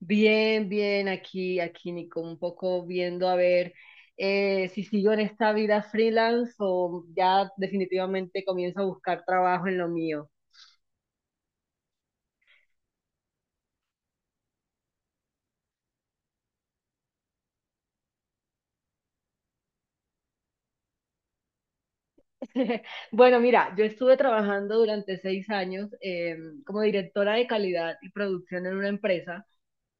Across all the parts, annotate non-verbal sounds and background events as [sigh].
Bien, bien, aquí, aquí, Nico, un poco viendo a ver si sigo en esta vida freelance o ya definitivamente comienzo a buscar trabajo en lo mío. [laughs] Bueno, mira, yo estuve trabajando durante seis años como directora de calidad y producción en una empresa.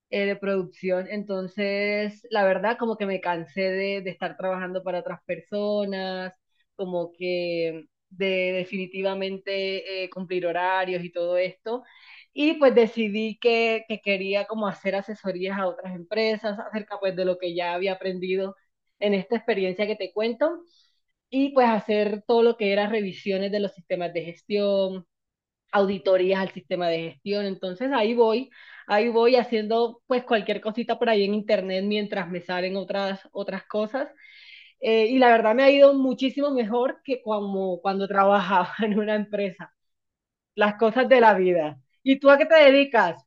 De producción. Entonces, la verdad, como que me cansé de estar trabajando para otras personas, como que de definitivamente cumplir horarios y todo esto. Y pues decidí que quería como hacer asesorías a otras empresas acerca pues de lo que ya había aprendido en esta experiencia que te cuento y pues hacer todo lo que era revisiones de los sistemas de gestión, auditorías al sistema de gestión. Entonces ahí voy haciendo pues cualquier cosita por ahí en internet mientras me salen otras, otras cosas. Y la verdad me ha ido muchísimo mejor que como cuando trabajaba [laughs] en una empresa. Las cosas de la vida. ¿Y tú a qué te dedicas?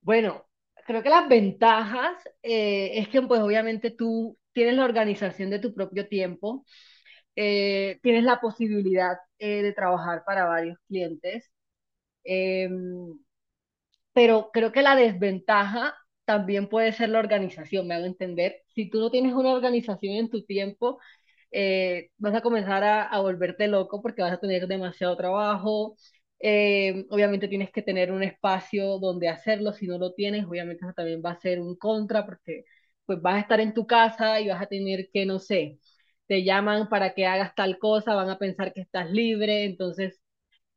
Bueno, creo que las ventajas es que pues obviamente tú tienes la organización de tu propio tiempo, tienes la posibilidad de trabajar para varios clientes. em, pero creo que la desventaja también puede ser la organización, me hago entender. Si tú no tienes una organización en tu tiempo, vas a comenzar a volverte loco porque vas a tener demasiado trabajo. Obviamente tienes que tener un espacio donde hacerlo, si no lo tienes, obviamente eso también va a ser un contra porque pues vas a estar en tu casa y vas a tener que, no sé, te llaman para que hagas tal cosa, van a pensar que estás libre, entonces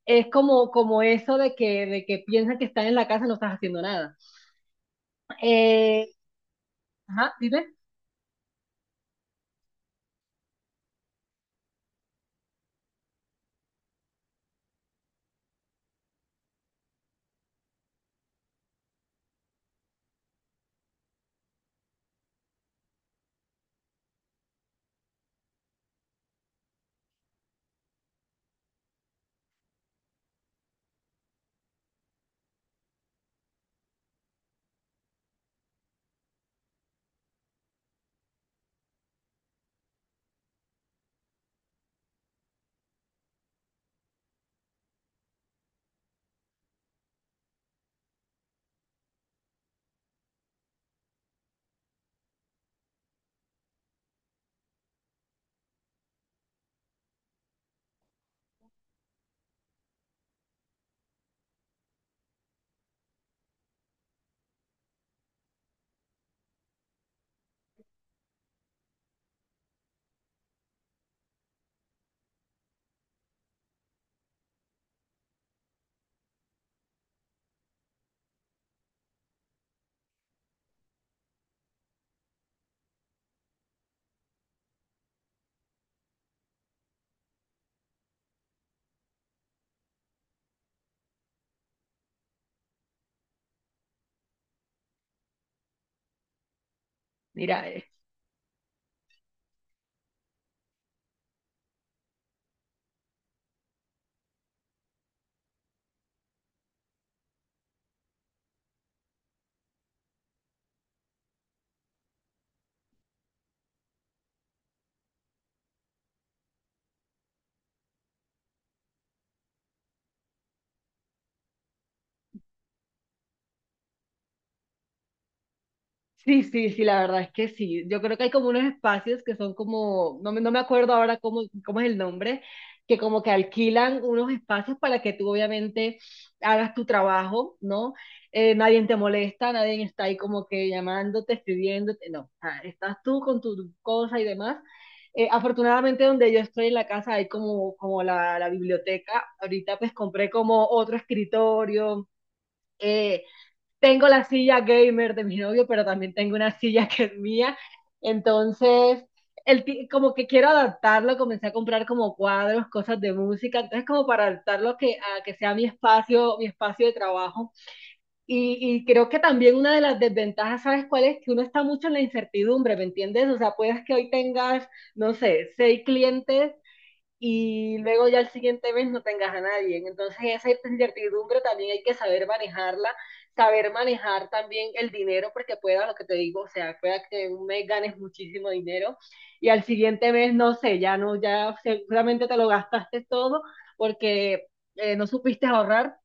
es como, como eso de que piensan que están en la casa y no estás haciendo nada. Eh, ajá, dime. Mira, sí, sí, sí, la verdad es que sí. Yo creo que hay como unos espacios que son como, no me acuerdo ahora cómo, cómo es el nombre, que como que alquilan unos espacios para que tú obviamente hagas tu trabajo, ¿no? Nadie te molesta, nadie está ahí como que llamándote, escribiéndote, no, o sea, estás tú con tu cosa y demás. Afortunadamente donde yo estoy en la casa hay como, como la biblioteca. Ahorita pues compré como otro escritorio. eh, Tengo la silla gamer de mi novio, pero también tengo una silla que es mía. Entonces, como que quiero adaptarlo, comencé a comprar como cuadros, cosas de música, entonces como para adaptarlo a que sea mi espacio de trabajo. Y creo que también una de las desventajas, ¿sabes cuál es? Que uno está mucho en la incertidumbre, ¿me entiendes? O sea, puedes que hoy tengas, no sé, seis clientes y luego ya el siguiente mes no tengas a nadie. Entonces esa incertidumbre también hay que saber manejarla, saber manejar también el dinero, porque pueda lo que te digo, o sea, pueda que un mes ganes muchísimo dinero y al siguiente mes, no sé, ya no, ya seguramente te lo gastaste todo porque no supiste ahorrar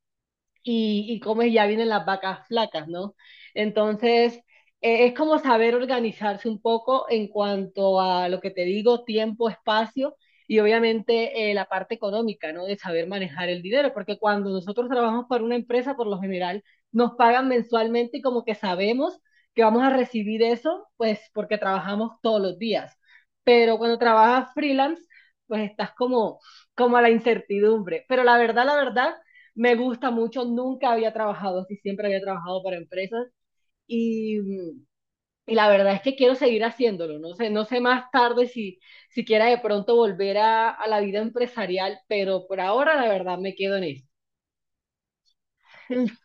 y comes ya vienen las vacas flacas, ¿no? Entonces, es como saber organizarse un poco en cuanto a lo que te digo, tiempo, espacio y obviamente la parte económica, ¿no? De saber manejar el dinero, porque cuando nosotros trabajamos para una empresa, por lo general, nos pagan mensualmente y como que sabemos que vamos a recibir eso, pues porque trabajamos todos los días. Pero cuando trabajas freelance, pues estás como, como a la incertidumbre. Pero la verdad, me gusta mucho, nunca había trabajado así, siempre había trabajado para empresas y, y la verdad es que quiero seguir haciéndolo, no sé, no sé más tarde si, si quiera de pronto volver a la vida empresarial, pero por ahora la verdad me quedo en eso.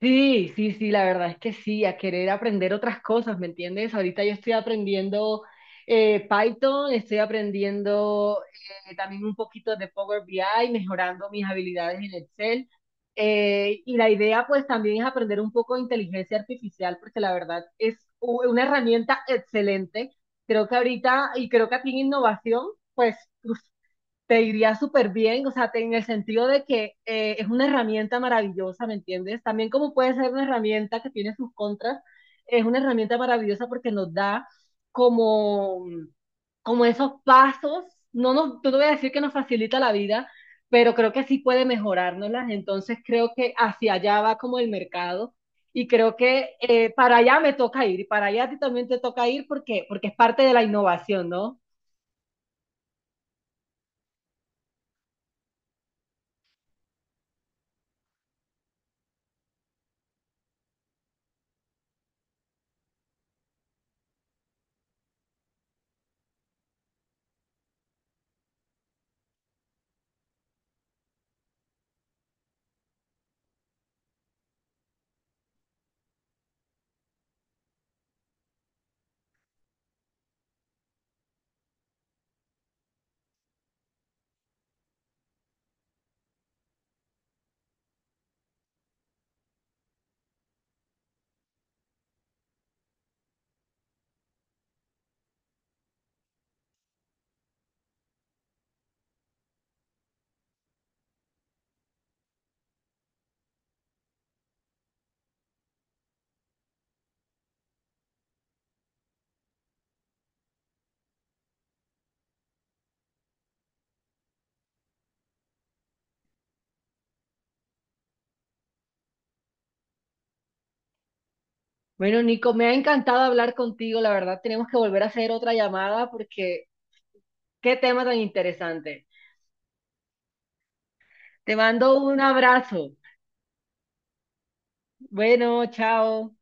Sí, sí, sí, la verdad es que sí, a querer aprender otras cosas, ¿me entiendes? Ahorita yo estoy aprendiendo Python, estoy aprendiendo también un poquito de Power BI, mejorando mis habilidades en Excel. Y la idea pues también es aprender un poco de inteligencia artificial, porque la verdad es una herramienta excelente. Creo que ahorita, y creo que aquí en innovación, pues te iría súper bien, o sea, en el sentido de que es una herramienta maravillosa, ¿me entiendes? También como puede ser una herramienta que tiene sus contras, es una herramienta maravillosa porque nos da como, como esos pasos, no nos, no te voy a decir que nos facilita la vida, pero creo que sí puede mejorárnoslas, entonces creo que hacia allá va como el mercado. Y creo que para allá me toca ir y para allá a ti también te toca ir porque, porque es parte de la innovación, ¿no? Bueno, Nico, me ha encantado hablar contigo. La verdad, tenemos que volver a hacer otra llamada porque qué tema tan interesante. Te mando un abrazo. Bueno, chao.